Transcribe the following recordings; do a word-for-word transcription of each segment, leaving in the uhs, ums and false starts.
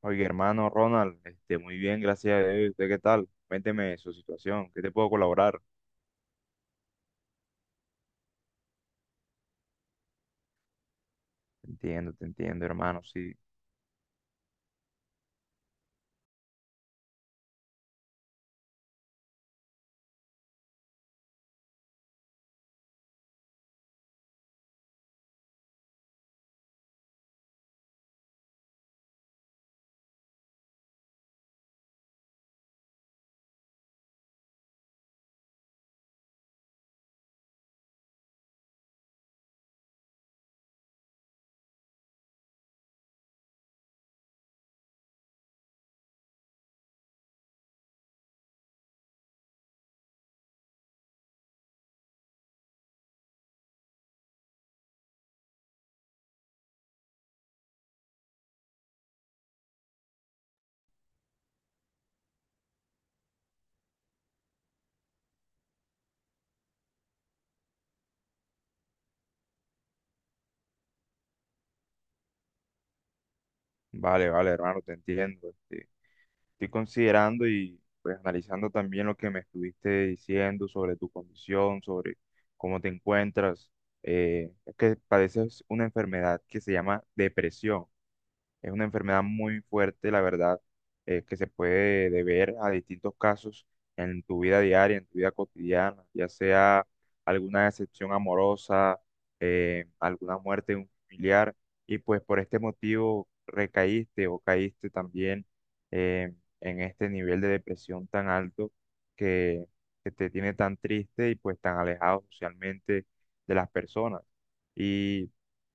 Oye, hermano Ronald, este, muy bien, gracias a Dios. ¿Usted qué tal? Cuénteme su situación, ¿qué te puedo colaborar? Te entiendo, te entiendo, hermano, sí. Vale, vale, hermano, te entiendo. Este, estoy considerando y pues analizando también lo que me estuviste diciendo sobre tu condición, sobre cómo te encuentras. Eh, es que padeces una enfermedad que se llama depresión. Es una enfermedad muy fuerte, la verdad, eh, que se puede deber a distintos casos en tu vida diaria, en tu vida cotidiana, ya sea alguna decepción amorosa, eh, alguna muerte de un familiar, y pues por este motivo recaíste o caíste también eh, en este nivel de depresión tan alto que, que te tiene tan triste y pues tan alejado socialmente de las personas. Y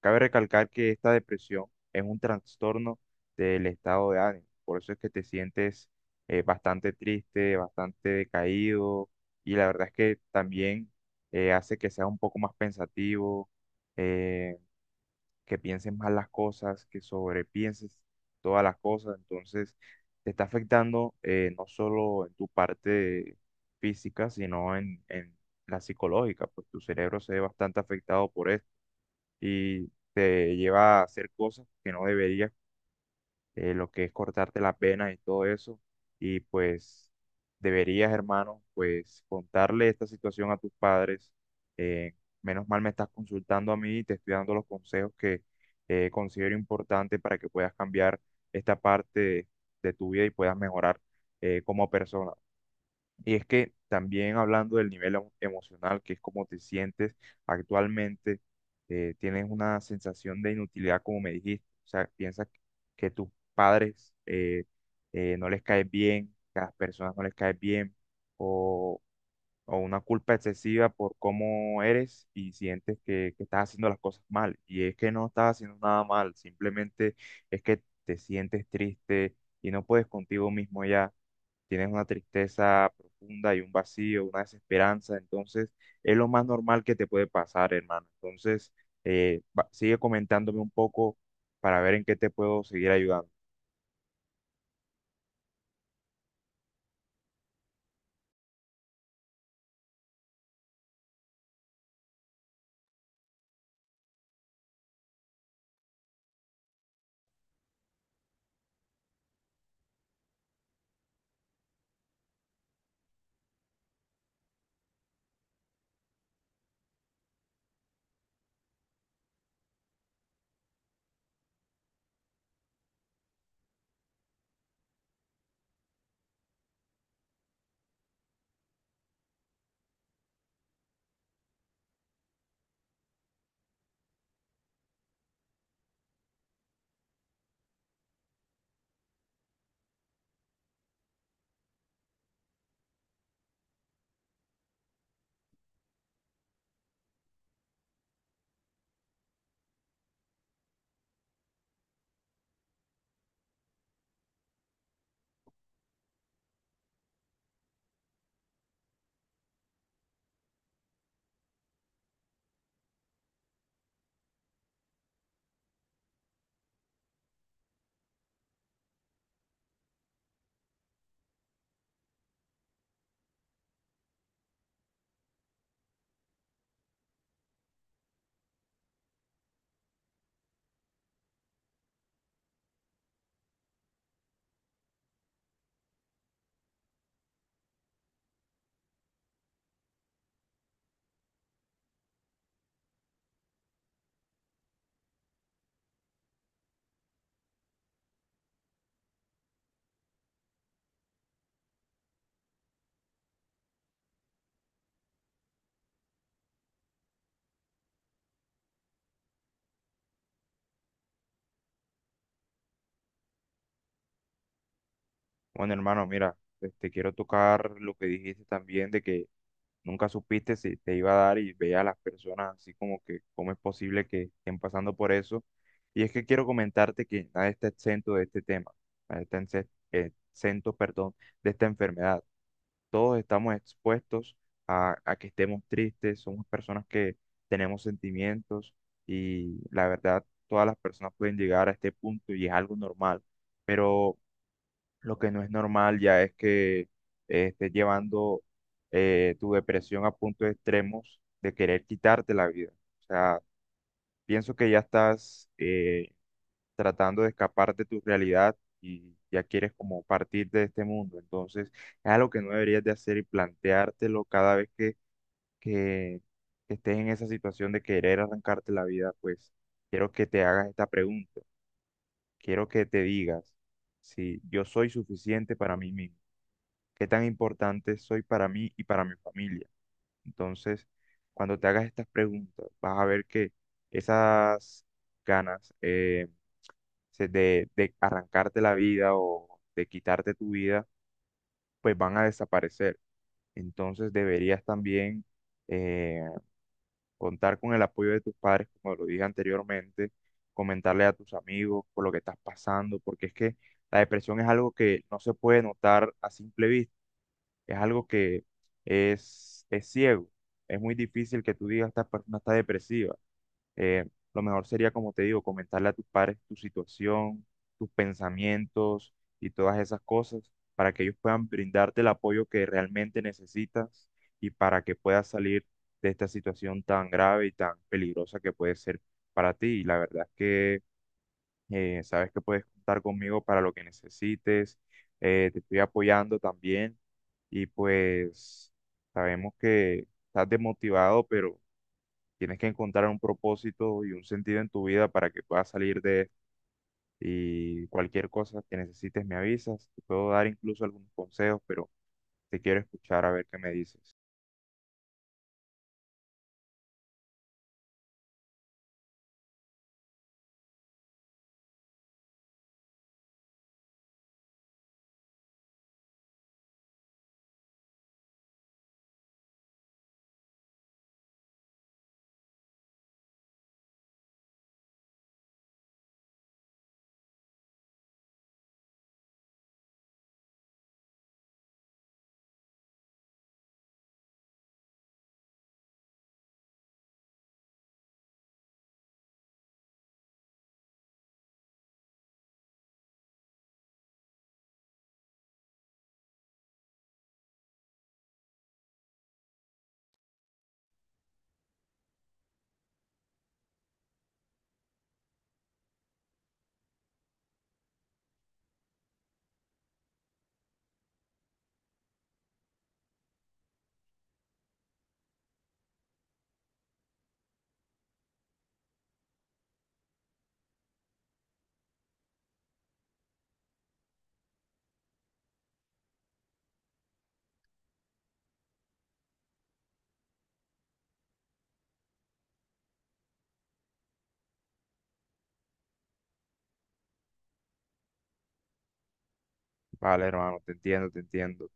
cabe recalcar que esta depresión es un trastorno del estado de ánimo. Por eso es que te sientes eh, bastante triste, bastante decaído, y la verdad es que también eh, hace que seas un poco más pensativo, eh, que pienses más las cosas, que sobrepienses todas las cosas. Entonces, te está afectando eh, no solo en tu parte física, sino en, en la psicológica, pues tu cerebro se ve bastante afectado por esto y te lleva a hacer cosas que no deberías, eh, lo que es cortarte las venas y todo eso. Y pues deberías, hermano, pues contarle esta situación a tus padres. Eh, Menos mal me estás consultando a mí y te estoy dando los consejos que eh, considero importante para que puedas cambiar esta parte de, de tu vida y puedas mejorar eh, como persona. Y es que también hablando del nivel emo- emocional, que es como te sientes actualmente, eh, tienes una sensación de inutilidad, como me dijiste. O sea, piensas que que tus padres eh, eh, no les caes bien, que a las personas no les caes bien, o, o una culpa excesiva por cómo eres y sientes que, que estás haciendo las cosas mal. Y es que no estás haciendo nada mal, simplemente es que te sientes triste y no puedes contigo mismo, ya tienes una tristeza profunda y un vacío, una desesperanza. Entonces es lo más normal que te puede pasar, hermano. Entonces, eh, va- sigue comentándome un poco para ver en qué te puedo seguir ayudando. Bueno, hermano, mira, este, quiero tocar lo que dijiste también de que nunca supiste si te iba a dar y veía a las personas así como que cómo es posible que estén pasando por eso. Y es que quiero comentarte que nadie está exento de este tema, nadie está ense- eh, exento, perdón, de esta enfermedad. Todos estamos expuestos a, a que estemos tristes, somos personas que tenemos sentimientos, y la verdad, todas las personas pueden llegar a este punto y es algo normal, pero lo que no es normal ya es que eh, estés llevando eh, tu depresión a puntos extremos de querer quitarte la vida. O sea, pienso que ya estás eh, tratando de escapar de tu realidad y ya quieres como partir de este mundo. Entonces, es algo que no deberías de hacer y planteártelo cada vez que, que estés en esa situación de querer arrancarte la vida. Pues quiero que te hagas esta pregunta, quiero que te digas si yo soy suficiente para mí mismo, qué tan importante soy para mí y para mi familia. Entonces, cuando te hagas estas preguntas, vas a ver que esas ganas, eh, se- de, de arrancarte la vida o de quitarte tu vida, pues van a desaparecer. Entonces deberías también eh, contar con el apoyo de tus padres, como lo dije anteriormente, comentarle a tus amigos por lo que estás pasando, porque es que la depresión es algo que no se puede notar a simple vista, es algo que es, es ciego. Es muy difícil que tú digas, esta persona está depresiva. eh, lo mejor sería, como te digo, comentarle a tus padres tu situación, tus pensamientos y todas esas cosas para que ellos puedan brindarte el apoyo que realmente necesitas y para que puedas salir de esta situación tan grave y tan peligrosa que puede ser para ti. Y la verdad es que eh, sabes que puedes contar conmigo para lo que necesites, eh, te estoy apoyando también, y pues sabemos que estás desmotivado, pero... Tienes que encontrar un propósito y un sentido en tu vida para que puedas salir de esto. Y cualquier cosa que necesites me avisas. Te puedo dar incluso algunos consejos, pero te quiero escuchar a ver qué me dices. Vale, hermano, te entiendo, te entiendo.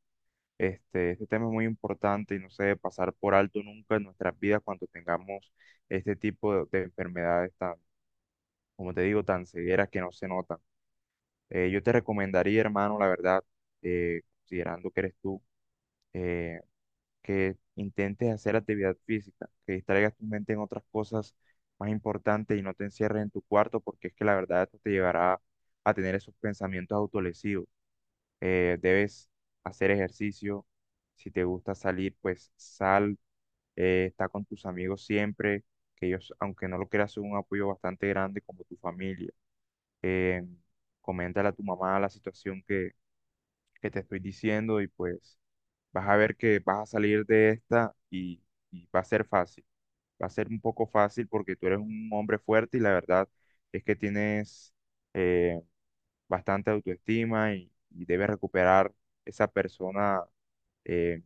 Este, este tema es muy importante y no se debe pasar por alto nunca en nuestras vidas cuando tengamos este tipo de, de enfermedades tan, como te digo, tan severas que no se notan. Eh, yo te recomendaría, hermano, la verdad, eh, considerando que eres tú. eh, que intentes hacer actividad física, que distraigas tu mente en otras cosas más importantes y no te encierres en tu cuarto, porque es que la verdad esto te llevará a tener esos pensamientos autolesivos. Eh, debes hacer ejercicio, si te gusta salir, pues sal, eh, está con tus amigos siempre, que ellos, aunque no lo creas, son un apoyo bastante grande como tu familia. Eh, Coméntale a tu mamá la situación que, que te estoy diciendo y pues vas a ver que vas a salir de esta, y, y va a ser fácil. Va a ser un poco fácil porque tú eres un hombre fuerte y la verdad es que tienes eh, bastante autoestima, y, y debes recuperar esa persona eh,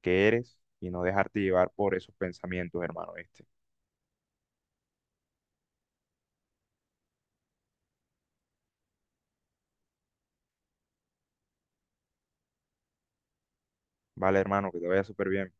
que eres y no dejarte llevar por esos pensamientos, hermano, este. Vale, hermano, que te vaya súper bien.